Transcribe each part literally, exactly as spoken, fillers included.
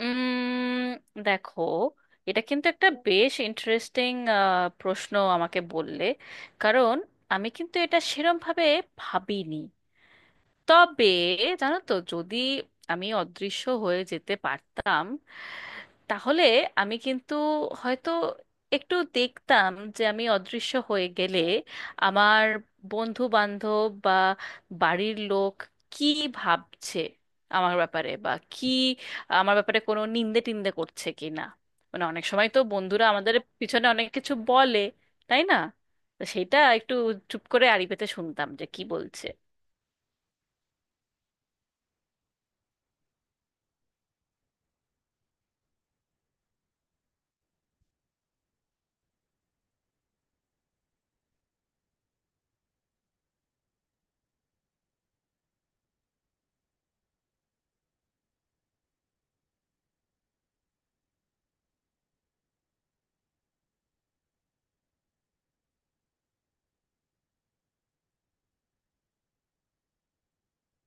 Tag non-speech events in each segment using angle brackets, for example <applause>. উম দেখো, এটা কিন্তু একটা বেশ ইন্টারেস্টিং প্রশ্ন আমাকে বললে। কারণ আমি কিন্তু এটা সেরম ভাবে ভাবিনি। তবে জানো তো, যদি আমি অদৃশ্য হয়ে যেতে পারতাম, তাহলে আমি কিন্তু হয়তো একটু দেখতাম যে আমি অদৃশ্য হয়ে গেলে আমার বন্ধু বান্ধব বা বাড়ির লোক কি ভাবছে আমার ব্যাপারে, বা কি আমার ব্যাপারে কোনো নিন্দে টিন্দে করছে কি না। মানে অনেক সময় তো বন্ধুরা আমাদের পিছনে অনেক কিছু বলে, তাই না? তো সেটা একটু চুপ করে আড়ি পেতে শুনতাম যে কি বলছে।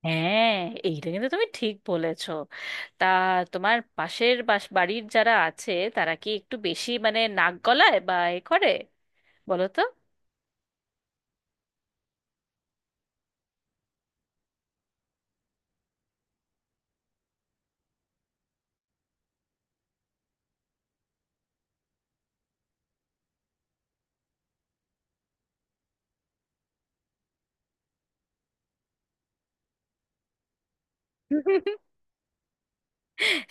হ্যাঁ, এইটা কিন্তু তুমি ঠিক বলেছো। তা তোমার পাশের বাস বাড়ির যারা আছে তারা কি একটু বেশি মানে নাক গলায় বা এ করে, বলো তো? <laughs>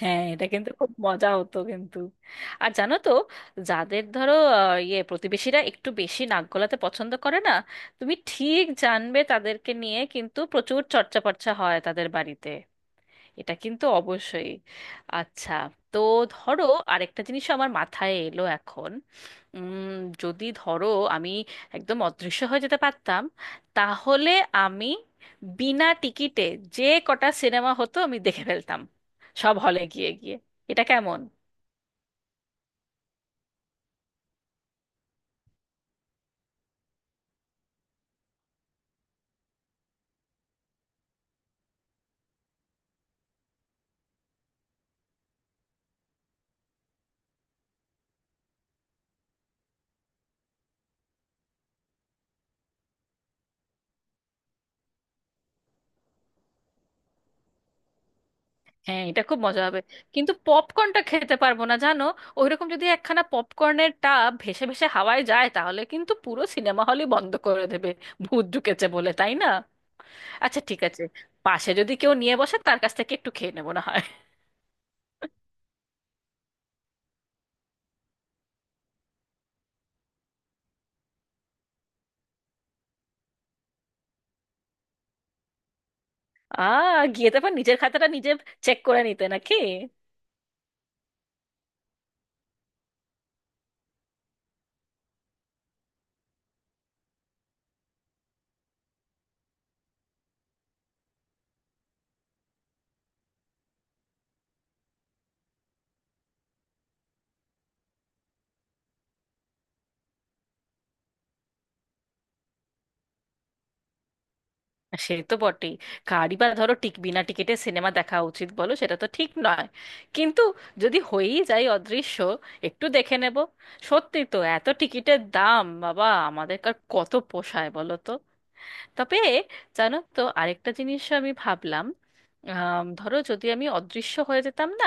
হ্যাঁ, এটা কিন্তু খুব মজা হতো কিন্তু। আর জানো তো, যাদের ধরো আহ, ইয়ে প্রতিবেশীরা একটু বেশি নাক গলাতে পছন্দ করে না, তুমি ঠিক জানবে তাদেরকে নিয়ে কিন্তু প্রচুর চর্চা পর্চা হয় তাদের বাড়িতে। এটা কিন্তু অবশ্যই। আচ্ছা, তো ধরো, আরেকটা জিনিস আমার মাথায় এলো এখন। উম, যদি ধরো আমি একদম অদৃশ্য হয়ে যেতে পারতাম, তাহলে আমি বিনা টিকিটে যে কটা সিনেমা হতো আমি দেখে ফেলতাম, সব হলে গিয়ে গিয়ে। এটা কেমন? হ্যাঁ, এটা খুব মজা হবে, কিন্তু পপকর্নটা খেতে পারবো না জানো। ওইরকম যদি একখানা পপকর্নের টাব ভেসে ভেসে হাওয়ায় যায়, তাহলে কিন্তু পুরো সিনেমা হলই বন্ধ করে দেবে, ভূত ঢুকেছে বলে, তাই না? আচ্ছা, ঠিক আছে, পাশে যদি কেউ নিয়ে বসে তার কাছ থেকে একটু খেয়ে নেবো না হয়। আ, গিয়ে তারপর নিজের খাতাটা নিজে চেক করে নিতে নাকি? সে তো বটেই। কারই বা ধরো টিক বিনা টিকিটে সিনেমা দেখা উচিত, বলো, সেটা তো ঠিক নয়। কিন্তু যদি হয়েই যায় অদৃশ্য, একটু দেখে নেব। সত্যি তো, এত টিকিটের দাম, বাবা, আমাদের কার কত পোষায় বলো তো। তবে জানো তো, আরেকটা জিনিস আমি ভাবলাম। আম, ধরো যদি আমি অদৃশ্য হয়ে যেতাম না,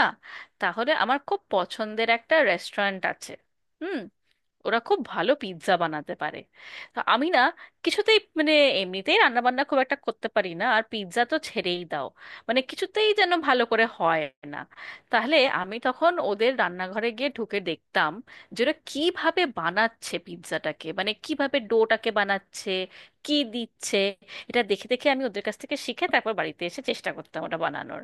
তাহলে আমার খুব পছন্দের একটা রেস্টুরেন্ট আছে, হুম, ওরা খুব ভালো পিৎজা বানাতে পারে। তো আমি না কিছুতেই, মানে এমনিতেই রান্না বান্না খুব একটা করতে পারি না, আর পিৎজা তো ছেড়েই দাও, মানে কিছুতেই যেন ভালো করে হয় না। তাহলে আমি তখন ওদের রান্নাঘরে গিয়ে ঢুকে দেখতাম যে ওরা কিভাবে বানাচ্ছে পিৎজাটাকে, মানে কিভাবে ডোটাকে বানাচ্ছে, কি দিচ্ছে। এটা দেখে দেখে আমি ওদের কাছ থেকে শিখে তারপর বাড়িতে এসে চেষ্টা করতাম ওটা বানানোর।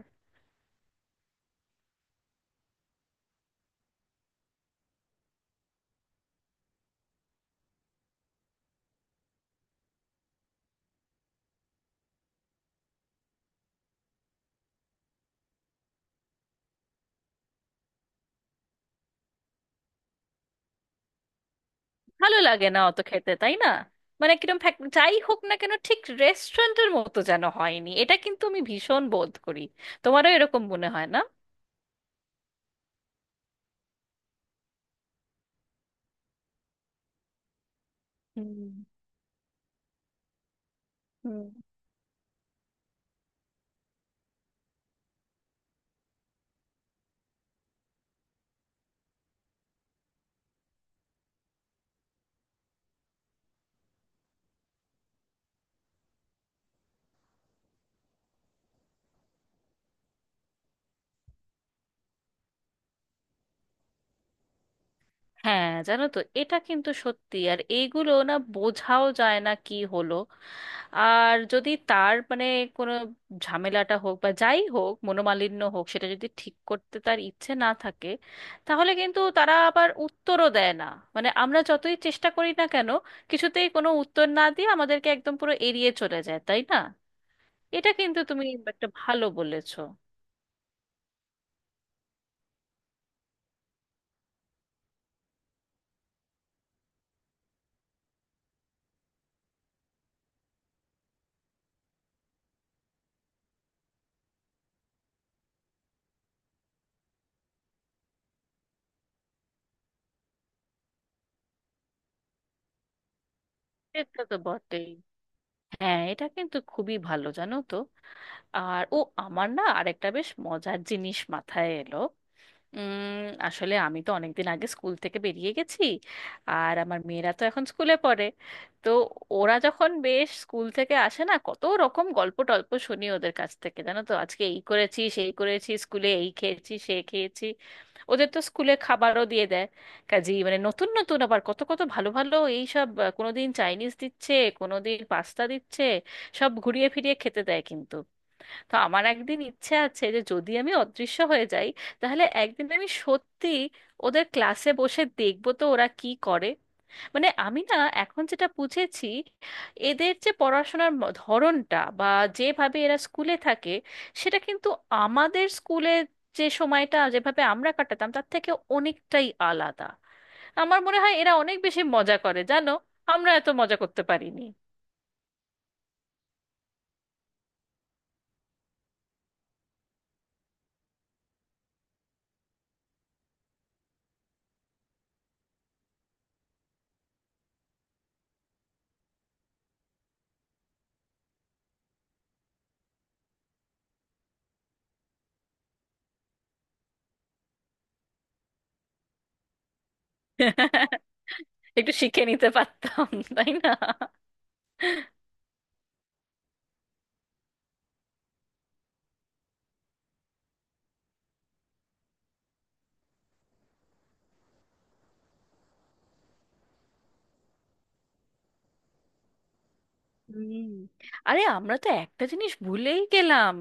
ভালো লাগে না অত খেতে, তাই না? মানে কিরম ফ্যাক- যাই হোক না কেন, ঠিক রেস্টুরেন্টের মতো যেন হয়নি, এটা কিন্তু আমি ভীষণ বোধ করি। তোমারও এরকম মনে হয় না? হুম। হুম। হ্যাঁ জানো তো, এটা কিন্তু সত্যি, আর এইগুলো না বোঝাও যায় না কি হলো। আর যদি তার মানে কোনো ঝামেলাটা হোক বা যাই হোক, মনোমালিন্য হোক, সেটা যদি ঠিক করতে তার ইচ্ছে না থাকে, তাহলে কিন্তু তারা আবার উত্তরও দেয় না। মানে আমরা যতই চেষ্টা করি না কেন, কিছুতেই কোনো উত্তর না দিয়ে আমাদেরকে একদম পুরো এড়িয়ে চলে যায়, তাই না? এটা কিন্তু তুমি একটা ভালো বলেছো। এটা তো বটেই। হ্যাঁ, এটা কিন্তু খুবই ভালো জানো তো। আর ও, আমার না আরেকটা বেশ মজার জিনিস মাথায় এলো। উম, আসলে আমি তো অনেকদিন আগে স্কুল থেকে বেরিয়ে গেছি, আর আমার মেয়েরা তো এখন স্কুলে পড়ে। তো ওরা যখন বেশ স্কুল থেকে আসে না, কত রকম গল্প টল্প শুনি ওদের কাছ থেকে, জানো তো, আজকে এই করেছি সেই করেছি, স্কুলে এই খেয়েছি সে খেয়েছি। ওদের তো স্কুলে খাবারও দিয়ে দেয়, কাজেই মানে নতুন নতুন আবার কত কত ভালো ভালো এইসব, আহ, কোনোদিন চাইনিজ দিচ্ছে, কোনোদিন পাস্তা দিচ্ছে, সব ঘুরিয়ে ফিরিয়ে খেতে দেয় কিন্তু। তো আমার একদিন ইচ্ছে আছে যে যদি আমি অদৃশ্য হয়ে যাই, তাহলে একদিন আমি সত্যি ওদের ক্লাসে বসে দেখবো তো ওরা কি করে। মানে আমি না এখন যেটা বুঝেছি, এদের যে পড়াশোনার ম- ধরনটা বা যেভাবে এরা স্কুলে থাকে, সেটা কিন্তু আমাদের স্কুলে যে সময়টা যেভাবে আমরা কাটাতাম তার থেকে অনেকটাই আলাদা। আমার মনে হয় এরা অনেক বেশি মজা করে জানো, আমরা এত মজা করতে পারিনি। <laughs> একটু শিখে নিতে পারতাম, তাই না? হুম। আরে, আমরা তো একটা জিনিস ভুলেই গেলাম।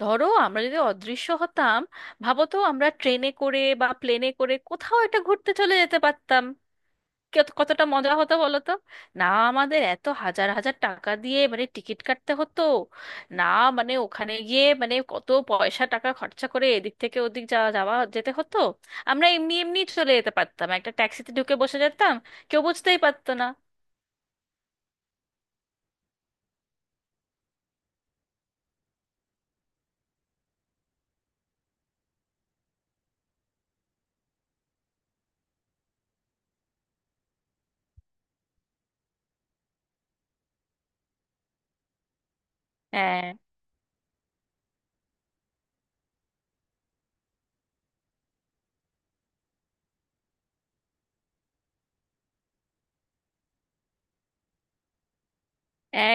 ধরো আমরা যদি অদৃশ্য হতাম, ভাবো তো, আমরা ট্রেনে করে বা প্লেনে করে কোথাও একটা ঘুরতে চলে যেতে পারতাম। কত- কতটা মজা হতো বলো তো। না আমাদের এত হাজার হাজার টাকা দিয়ে মানে টিকিট কাটতে হতো, না মানে ওখানে গিয়ে মানে কত পয়সা টাকা খরচা করে এদিক থেকে ওদিক যাওয়া যাওয়া যেতে হতো। আমরা এমনি এমনি চলে যেতে পারতাম, একটা ট্যাক্সিতে ঢুকে বসে যেতাম, কেউ বুঝতেই পারতো না। হ্যাঁ।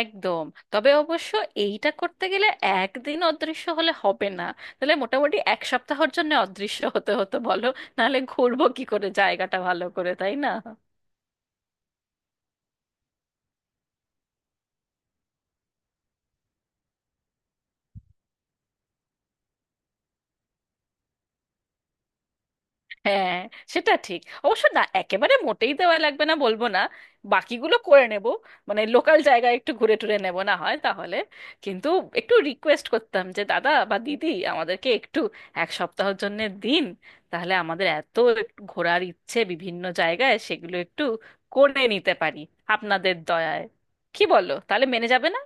একদম। তবে অবশ্য এইটা করতে গেলে একদিন অদৃশ্য হলে হবে না, তাহলে মোটামুটি এক সপ্তাহের জন্য অদৃশ্য হতে হতো বলো, নাহলে ঘুরবো কি করে জায়গাটা ভালো করে, তাই না? হ্যাঁ। সেটা ঠিক অবশ্য, না একেবারে মোটেই দেওয়া লাগবে না বলবো না, বাকিগুলো করে নেব, মানে লোকাল জায়গায় একটু ঘুরে টুরে নেব না হয় তাহলে। কিন্তু একটু রিকোয়েস্ট করতাম যে দাদা বা দিদি, আমাদেরকে একটু এক সপ্তাহের জন্য দিন, তাহলে আমাদের এত একটু ঘোরার ইচ্ছে বিভিন্ন জায়গায়, সেগুলো একটু করে নিতে পারি আপনাদের দয়ায়। কি বলো, তাহলে মেনে যাবে না?